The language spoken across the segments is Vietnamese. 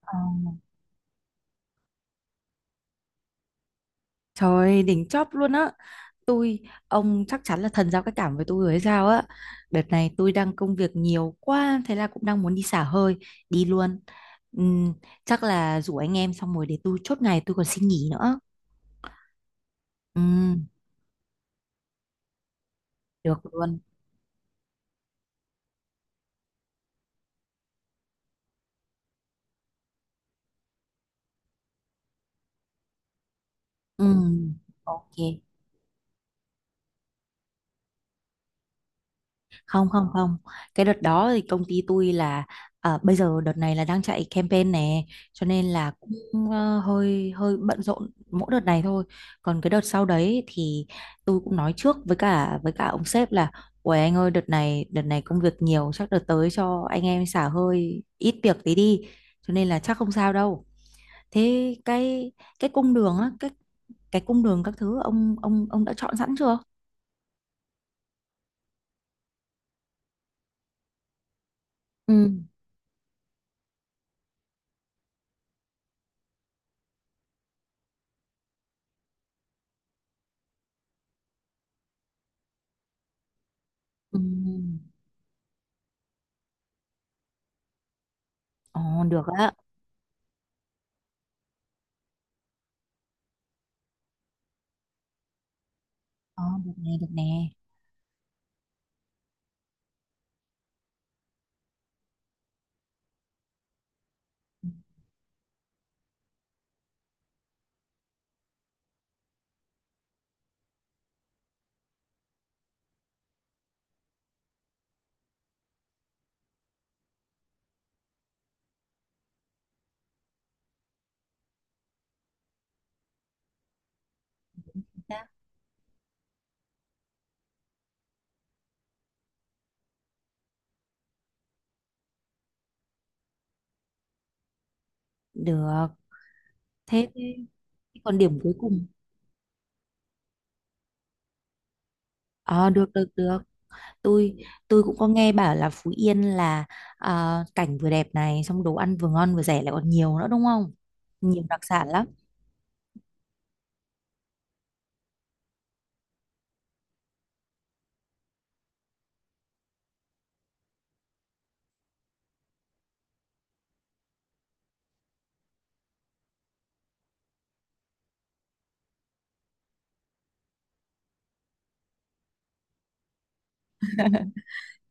Ờ. Trời đỉnh chóp luôn á. Tôi ông chắc chắn là thần giao cách cảm với tôi rồi hay sao á. Đợt này tôi đang công việc nhiều quá. Thế là cũng đang muốn đi xả hơi. Đi luôn. Ừm, Chắc là rủ anh em xong rồi để tôi chốt ngày tôi còn xin nghỉ nữa. Ừm, Được luôn. Ừm, Ok. Không, không, không, cái đợt đó thì công ty tôi là à, bây giờ đợt này là đang chạy campaign nè, cho nên là cũng hơi hơi bận rộn mỗi đợt này thôi. Còn cái đợt sau đấy thì tôi cũng nói trước với cả ông sếp là ôi anh ơi, đợt này công việc nhiều, chắc đợt tới cho anh em xả hơi ít việc tí đi, cho nên là chắc không sao đâu. Thế cái cái cung đường á cái cái cung đường các thứ ông đã chọn sẵn chưa? Ừ. Ừ. Ồ, được á. Ờ, được nè, được nè. Dạ. Được. Thế thì- Thế còn điểm cuối cùng. Ờ, được, được, được. Tôi tôi cũng có nghe bảo là Phú Yên là cảnh vừa đẹp này, xong đồ ăn vừa ngon vừa rẻ lại còn nhiều nữa, đúng không? Nhiều đặc sản lắm.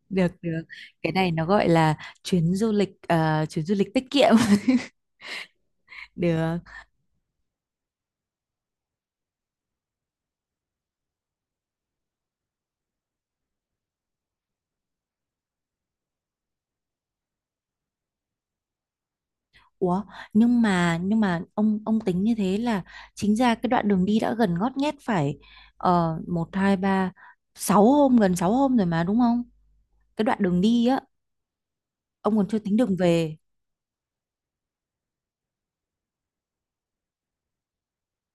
Được, được. Cái này nó gọi là chuyến du lịch chuyến du lịch tiết kiệm. Được. Ủa, nhưng mà ông tính như thế là chính ra cái đoạn đường đi đã gần ngót nghét phải 1 2 3 6 hôm, gần 6 hôm rồi mà, đúng không? Cái đoạn đường đi á ông còn chưa tính đường về.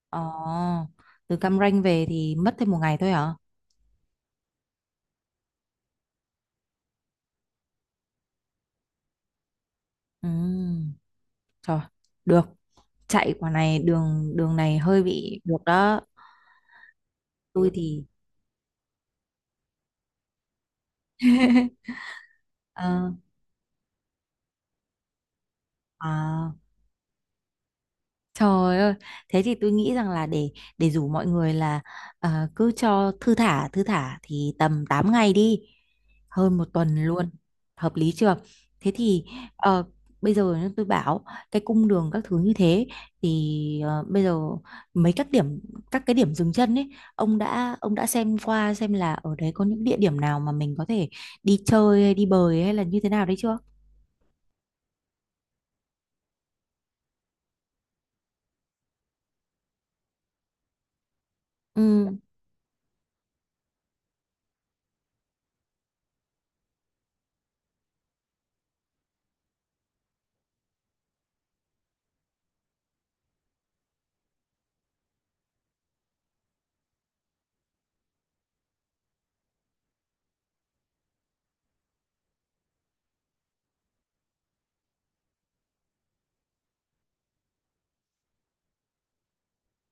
Ờ, từ Cam Ranh về thì mất thêm một ngày thôi hả? Ừ. Trời. Được. Chạy quả này, đường đường này hơi bị được đó. Tôi thì Ờ. À. Trời ơi, thế thì tôi nghĩ rằng là để rủ mọi người là ờ, cứ cho thư thả thì tầm 8 ngày đi, hơn một tuần luôn, hợp lý chưa? Thế thì ờ, bây giờ nhá, tôi bảo cái cung đường các thứ như thế thì bây giờ mấy các điểm các cái điểm dừng chân ấy, ông đã xem qua xem là ở đấy có những địa điểm nào mà mình có thể đi chơi hay đi bơi hay là như thế nào đấy chưa? Ừ.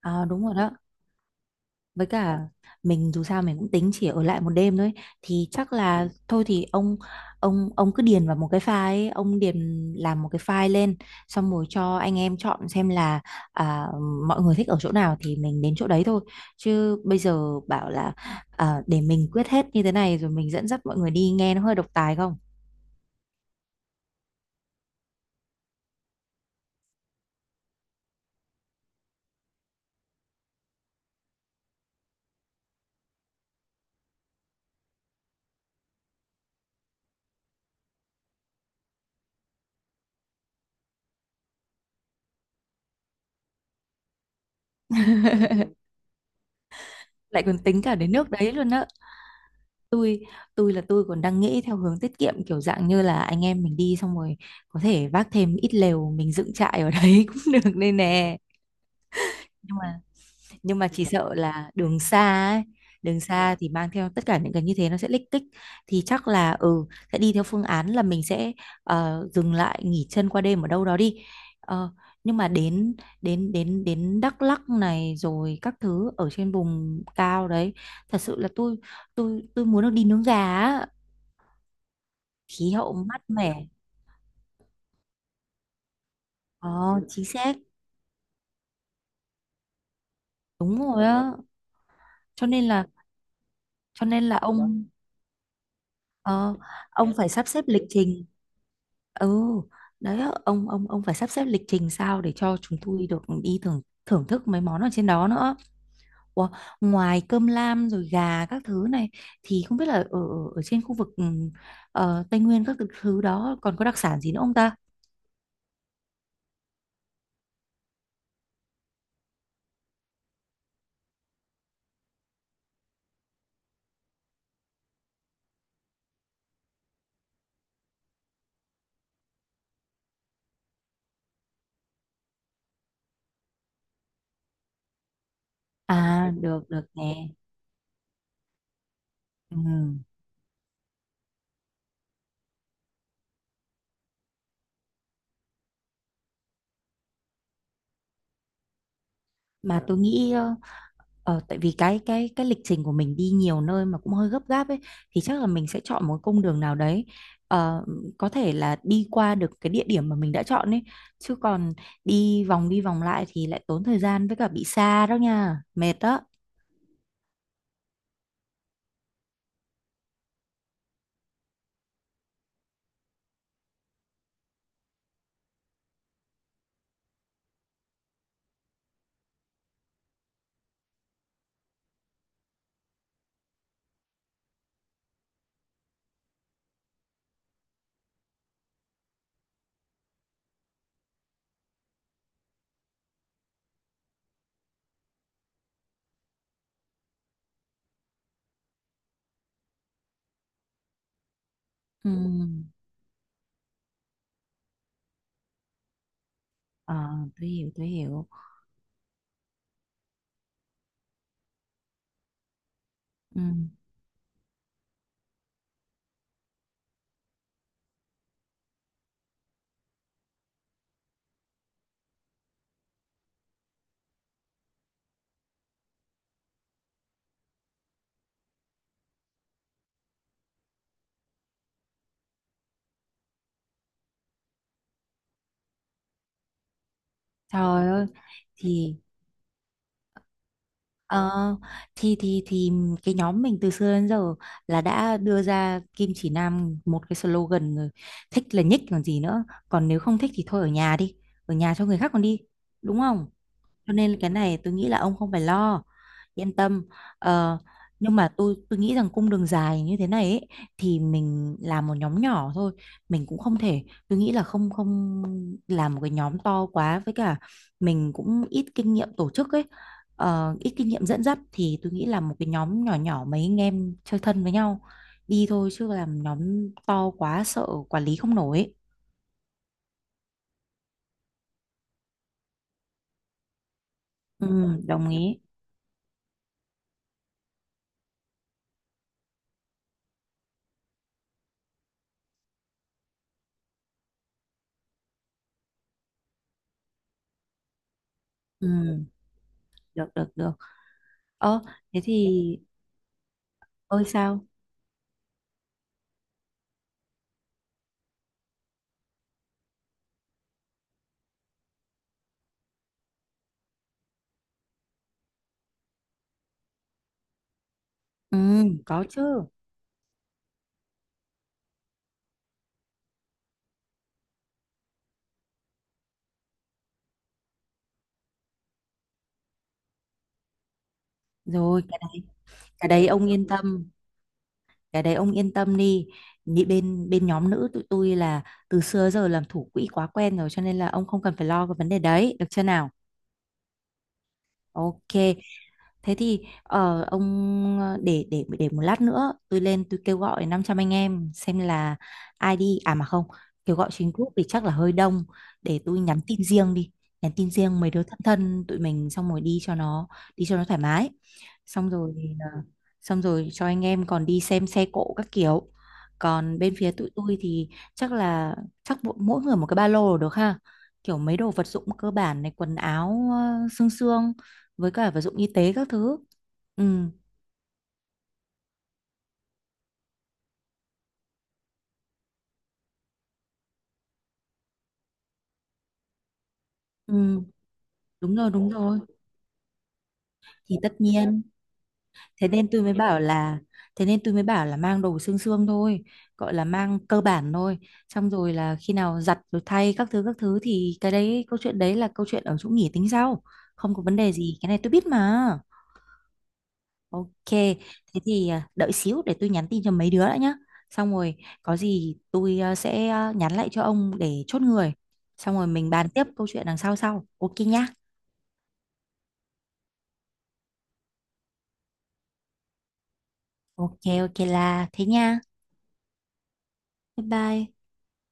À, đúng rồi đó. Với cả mình dù sao mình cũng tính chỉ ở lại một đêm thôi, thì chắc là thôi thì ông cứ điền vào một cái file ấy, ông điền làm một cái file lên, xong rồi cho anh em chọn xem là à, mọi người thích ở chỗ nào thì mình đến chỗ đấy thôi. Chứ bây giờ bảo là để mình quyết hết như thế này rồi mình dẫn dắt mọi người đi nghe nó hơi độc tài không? Lại còn tính cả đến nước đấy luôn á. Tôi tôi là tôi còn đang nghĩ theo hướng tiết kiệm, kiểu dạng như là anh em mình đi xong rồi có thể vác thêm ít lều, mình dựng trại ở đấy cũng được nên nè. nhưng mà nhưng mà chỉ sợ là đường xa ấy. Đường xa thì mang theo tất cả những cái như thế nó sẽ lích kích, thì chắc là sẽ đi theo phương án là mình sẽ dừng lại nghỉ chân qua đêm ở đâu đó đi. Ờ, nhưng mà đến đến đến đến Đắk Lắk này rồi các thứ ở trên vùng cao đấy, thật sự là tôi muốn được đi nướng gà á, khí hậu mát mẻ. Ờ, chính xác. Đúng rồi á. cho nên là cho nên là ông ờ, ông phải sắp xếp lịch trình. Ừ. Đấy á, ông phải sắp xếp lịch trình sao để cho chúng tôi được đi thưởng thưởng thức mấy món ở trên đó nữa. Ủa, ngoài cơm lam rồi gà các thứ này thì không biết là ở ở ở trên khu vực Tây Nguyên các thứ đó còn có đặc sản gì nữa không ta? À, được được nè. Ừ. Mà tôi nghĩ tại vì cái lịch trình của mình đi nhiều nơi mà cũng hơi gấp gáp ấy, thì chắc là mình sẽ chọn một cung đường nào đấy ờ, có thể là đi qua được cái địa điểm mà mình đã chọn ấy. Chứ còn đi vòng lại thì lại tốn thời gian, với cả bị xa đó nha, mệt đó. Ừ. Ờ, tôi hiểu, tôi hiểu. Ừ. Trời ơi. thì Ờ, thì cái nhóm mình từ xưa đến giờ là đã đưa ra Kim Chỉ Nam một cái slogan rồi, thích là nhích, còn gì nữa? Còn nếu không thích thì thôi ở nhà đi, ở nhà cho người khác còn đi, đúng không? Cho nên cái này tôi nghĩ là ông không phải lo, yên tâm. Ờ, nhưng mà tôi nghĩ rằng cung đường dài như thế này ấy, thì mình làm một nhóm nhỏ thôi. Mình cũng không thể, tôi nghĩ là không không làm một cái nhóm to quá. Với cả mình cũng ít kinh nghiệm tổ chức ấy, ít kinh nghiệm dẫn dắt, thì tôi nghĩ là một cái nhóm nhỏ nhỏ mấy anh em chơi thân với nhau đi thôi, chứ làm nhóm to quá sợ quản lý không nổi ấy. Ừ, đồng ý. Ừ, được, được, được. Ờ thế thì ơi sao. Ừ, có chứ. Rồi cái đấy ông yên tâm, cái đấy ông yên tâm đi. Bên bên nhóm nữ tụi tôi là từ xưa giờ làm thủ quỹ quá quen rồi, cho nên là ông không cần phải lo cái vấn đề đấy, được chưa nào? Ok. Thế thì ông để một lát nữa tôi lên tôi kêu gọi 500 anh em xem là ai đi. À mà không, kêu gọi trên group thì chắc là hơi đông, để tôi nhắn tin riêng đi, nhắn tin riêng mấy đứa thân thân tụi mình xong rồi đi cho nó thoải mái. Xong rồi ờ, xong rồi cho anh em còn đi xem xe cộ các kiểu. Còn bên phía tụi tôi thì chắc là chắc mỗi mỗi người một cái ba lô là được ha, kiểu mấy đồ vật dụng cơ bản này, quần áo xương xương, với cả vật dụng y tế các thứ. Ừ. Ừ, đúng rồi, đúng rồi. Thì tất nhiên, thế nên tôi mới bảo là thế nên tôi mới bảo là mang đồ xương xương thôi, gọi là mang cơ bản thôi. Xong rồi là khi nào giặt rồi thay các thứ thì cái đấy, câu chuyện đấy là câu chuyện ở chỗ nghỉ, tính sau. Không có vấn đề gì, cái này tôi biết mà. Ok. Thế thì à, đợi xíu để tôi nhắn tin cho mấy đứa đã nhá, xong rồi có gì tôi à, sẽ nhắn lại cho ông để chốt người, xong rồi mình bàn tiếp câu chuyện đằng sau sau, ok nhá. Ok, ok là thế nha. Bye bye.